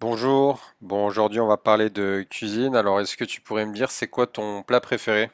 Bonjour. Bon, aujourd'hui, on va parler de cuisine. Alors, est-ce que tu pourrais me dire, c'est quoi ton plat préféré?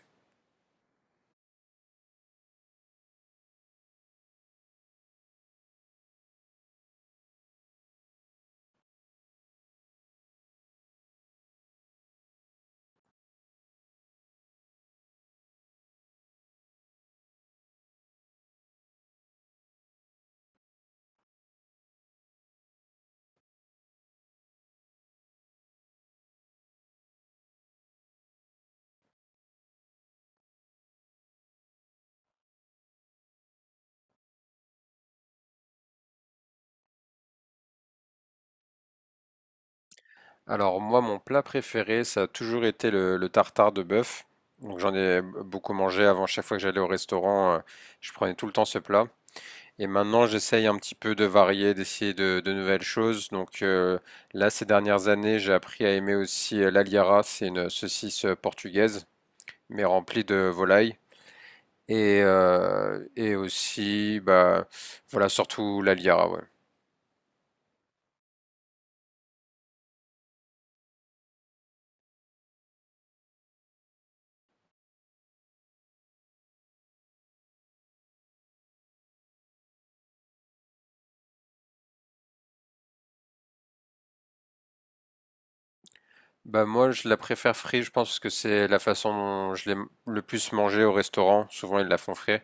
Alors, moi, mon plat préféré, ça a toujours été le tartare de bœuf. Donc, j'en ai beaucoup mangé avant. Chaque fois que j'allais au restaurant, je prenais tout le temps ce plat. Et maintenant, j'essaye un petit peu de varier, d'essayer de nouvelles choses. Là, ces dernières années, j'ai appris à aimer aussi l'aliara. C'est une saucisse portugaise, mais remplie de volaille. Et aussi, bah, voilà, surtout la Liara, ouais. Bah, moi, je la préfère frite, je pense, parce que c'est la façon dont le plus mangée au restaurant. Souvent, ils la font frite.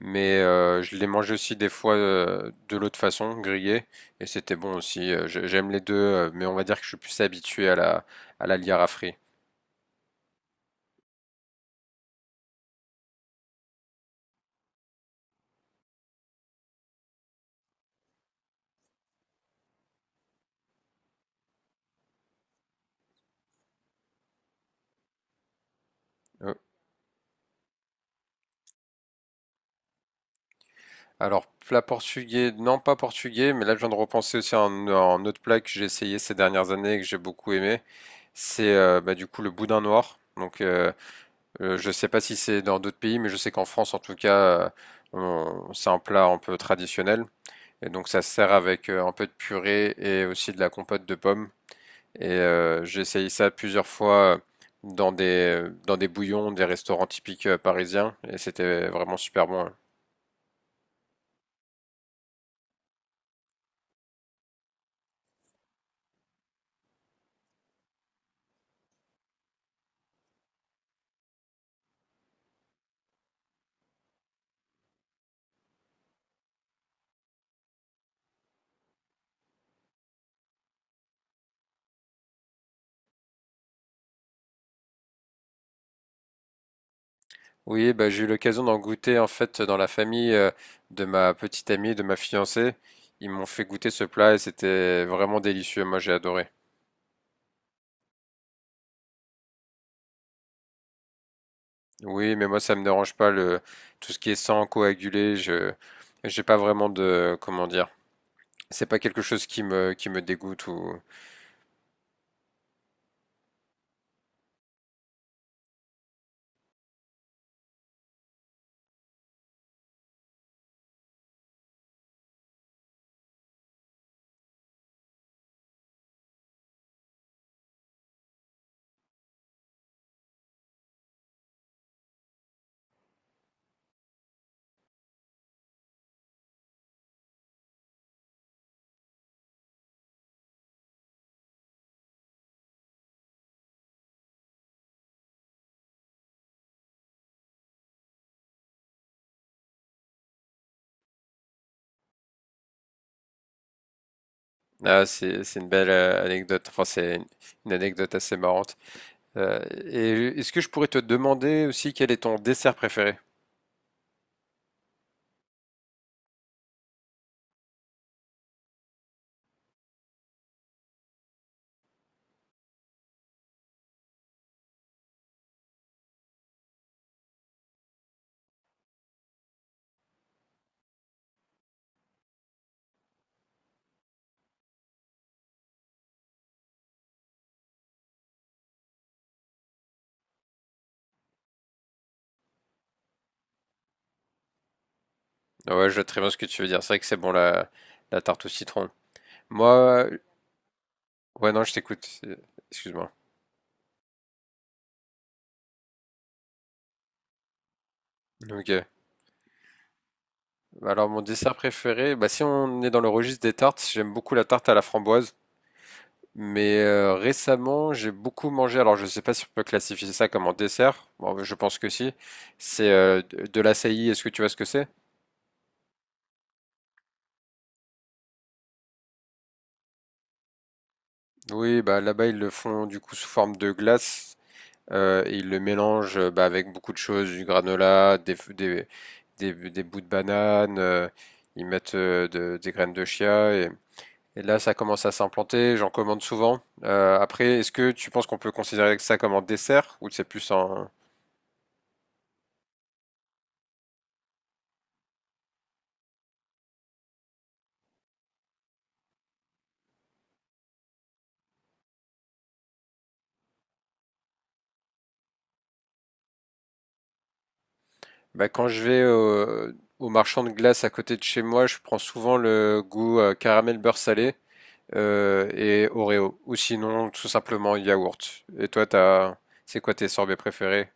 Mais je l'ai mangée aussi des fois de l'autre façon, grillée. Et c'était bon aussi. J'aime les deux, mais on va dire que je suis plus habitué à à la Liara frite. Euh, Alors, plat portugais, non pas portugais, mais là je viens de repenser aussi à à un autre plat que j'ai essayé ces dernières années et que j'ai beaucoup aimé. C'est bah, du coup le boudin noir. Je sais pas si c'est dans d'autres pays, mais je sais qu'en France, en tout cas, c'est un plat un peu traditionnel. Et donc, ça se sert avec un peu de purée et aussi de la compote de pommes. Et j'ai essayé ça plusieurs fois dans des bouillons, des restaurants typiques parisiens, et c'était vraiment super bon, hein. Oui, bah, j'ai eu l'occasion d'en goûter en fait dans la famille de ma petite amie, de ma fiancée. Ils m'ont fait goûter ce plat et c'était vraiment délicieux. Moi, j'ai adoré. Oui, mais moi, ça me dérange pas le tout ce qui est sang coagulé. Je j'ai pas vraiment de comment dire. C'est pas quelque chose qui me dégoûte ou ah, c'est une belle anecdote. Enfin, c'est une anecdote assez marrante. Euh, et est-ce que je pourrais te demander aussi quel est ton dessert préféré? Ah, ouais, je vois très bien ce que tu veux dire. C'est vrai que c'est bon la tarte au citron. Moi, ouais, non, je t'écoute. Euh, excuse-moi. Ok. Alors, mon dessert préféré, bah, si on est dans le registre des tartes, j'aime beaucoup la tarte à la framboise. Mais récemment, j'ai beaucoup mangé. Alors, je ne sais pas si on peut classifier ça comme un dessert. Bon, bah, je pense que si. C'est de l'açaï. Est-ce que tu vois ce que c'est? Oui, bah là-bas ils le font du coup sous forme de glace et ils le mélangent bah, avec beaucoup de choses, du granola, des, f- des bouts de banane, ils mettent des graines de chia. Et là, ça commence à s'implanter, j'en commande souvent. Après, est-ce que tu penses qu'on peut considérer ça comme un dessert ou c'est plus un... Bah, quand je vais au marchand de glace à côté de chez moi, je prends souvent le goût caramel beurre salé et Oreo. Ou sinon, tout simplement yaourt. Et toi, t'as... c'est quoi tes sorbets préférés?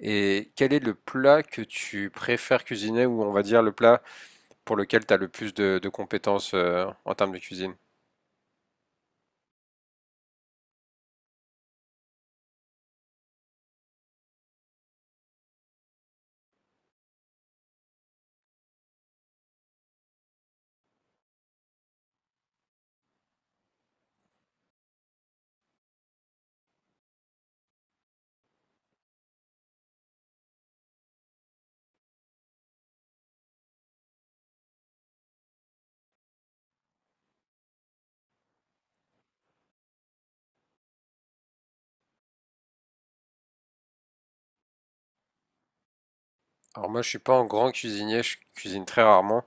Et quel est le plat que tu préfères cuisiner ou on va dire le plat pour lequel tu as le plus de compétences en termes de cuisine? Alors moi, je suis pas un grand cuisinier, je cuisine très rarement,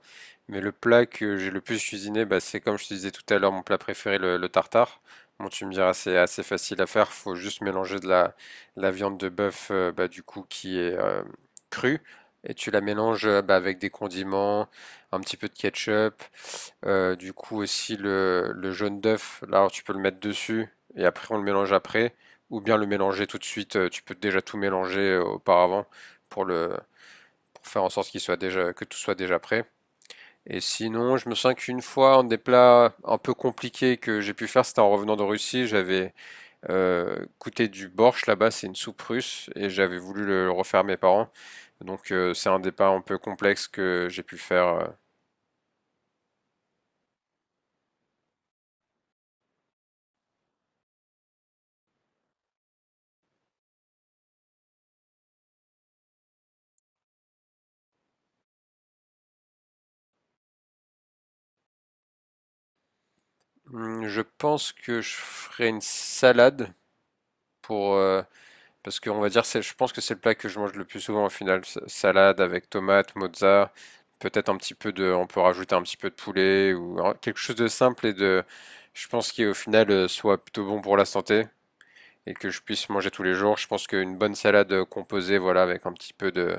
mais le plat que j'ai le plus cuisiné, bah, c'est comme je te disais tout à l'heure, mon plat préféré, le tartare. Bon, tu me diras, c'est assez facile à faire, faut juste mélanger de de la viande de bœuf, bah, du coup, qui est crue, et tu la mélanges bah, avec des condiments, un petit peu de ketchup, du coup aussi le jaune d'œuf, là, alors, tu peux le mettre dessus, et après on le mélange après, ou bien le mélanger tout de suite, tu peux déjà tout mélanger auparavant pour le pour faire en sorte qu'il soit déjà, que tout soit déjà prêt. Et sinon, je me souviens qu'une fois, un des plats un peu compliqués que j'ai pu faire, c'était en revenant de Russie. J'avais goûté du borsch là-bas, c'est une soupe russe, et j'avais voulu le refaire à mes parents. Donc c'est un des plats un peu complexe que j'ai pu faire. Je pense que je ferai une salade pour parce qu'on va dire, c'est, je pense que c'est le plat que je mange le plus souvent au final. Salade avec tomate, mozza, peut-être un petit peu de, on peut rajouter un petit peu de poulet ou quelque chose de simple et de, je pense qui au final soit plutôt bon pour la santé et que je puisse manger tous les jours. Je pense qu'une bonne salade composée, voilà, avec un petit peu de,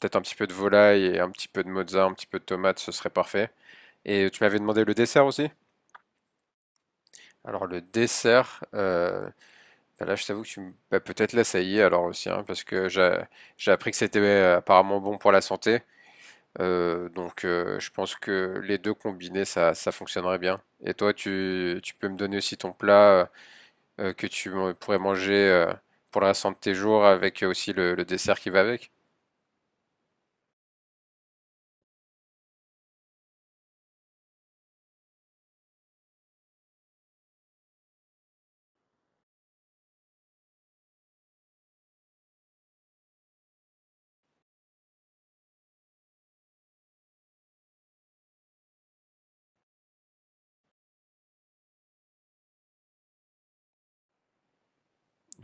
peut-être un petit peu de volaille et un petit peu de mozza, un petit peu de tomate, ce serait parfait. Et tu m'avais demandé le dessert aussi? Alors le dessert, bah là, je t'avoue que tu me... bah, peut-être là, ça y est, alors aussi, hein, parce que j'ai appris que c'était apparemment bon pour la santé. Je pense que les deux combinés, ça fonctionnerait bien. Et toi, tu peux me donner aussi ton plat que tu pourrais manger pour le restant de tes jours, avec aussi le dessert qui va avec.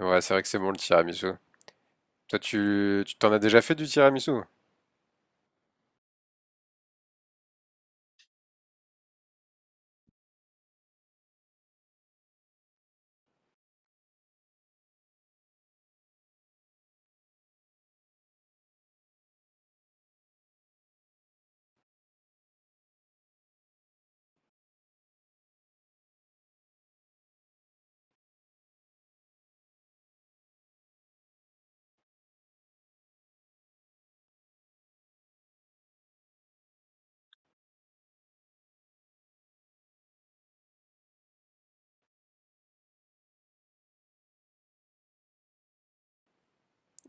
Ouais, c'est vrai que c'est bon le tiramisu. Toi, tu t'en as déjà fait du tiramisu?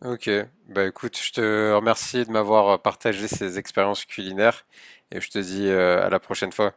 Ok, bah écoute, je te remercie de m'avoir partagé ces expériences culinaires et je te dis à la prochaine fois.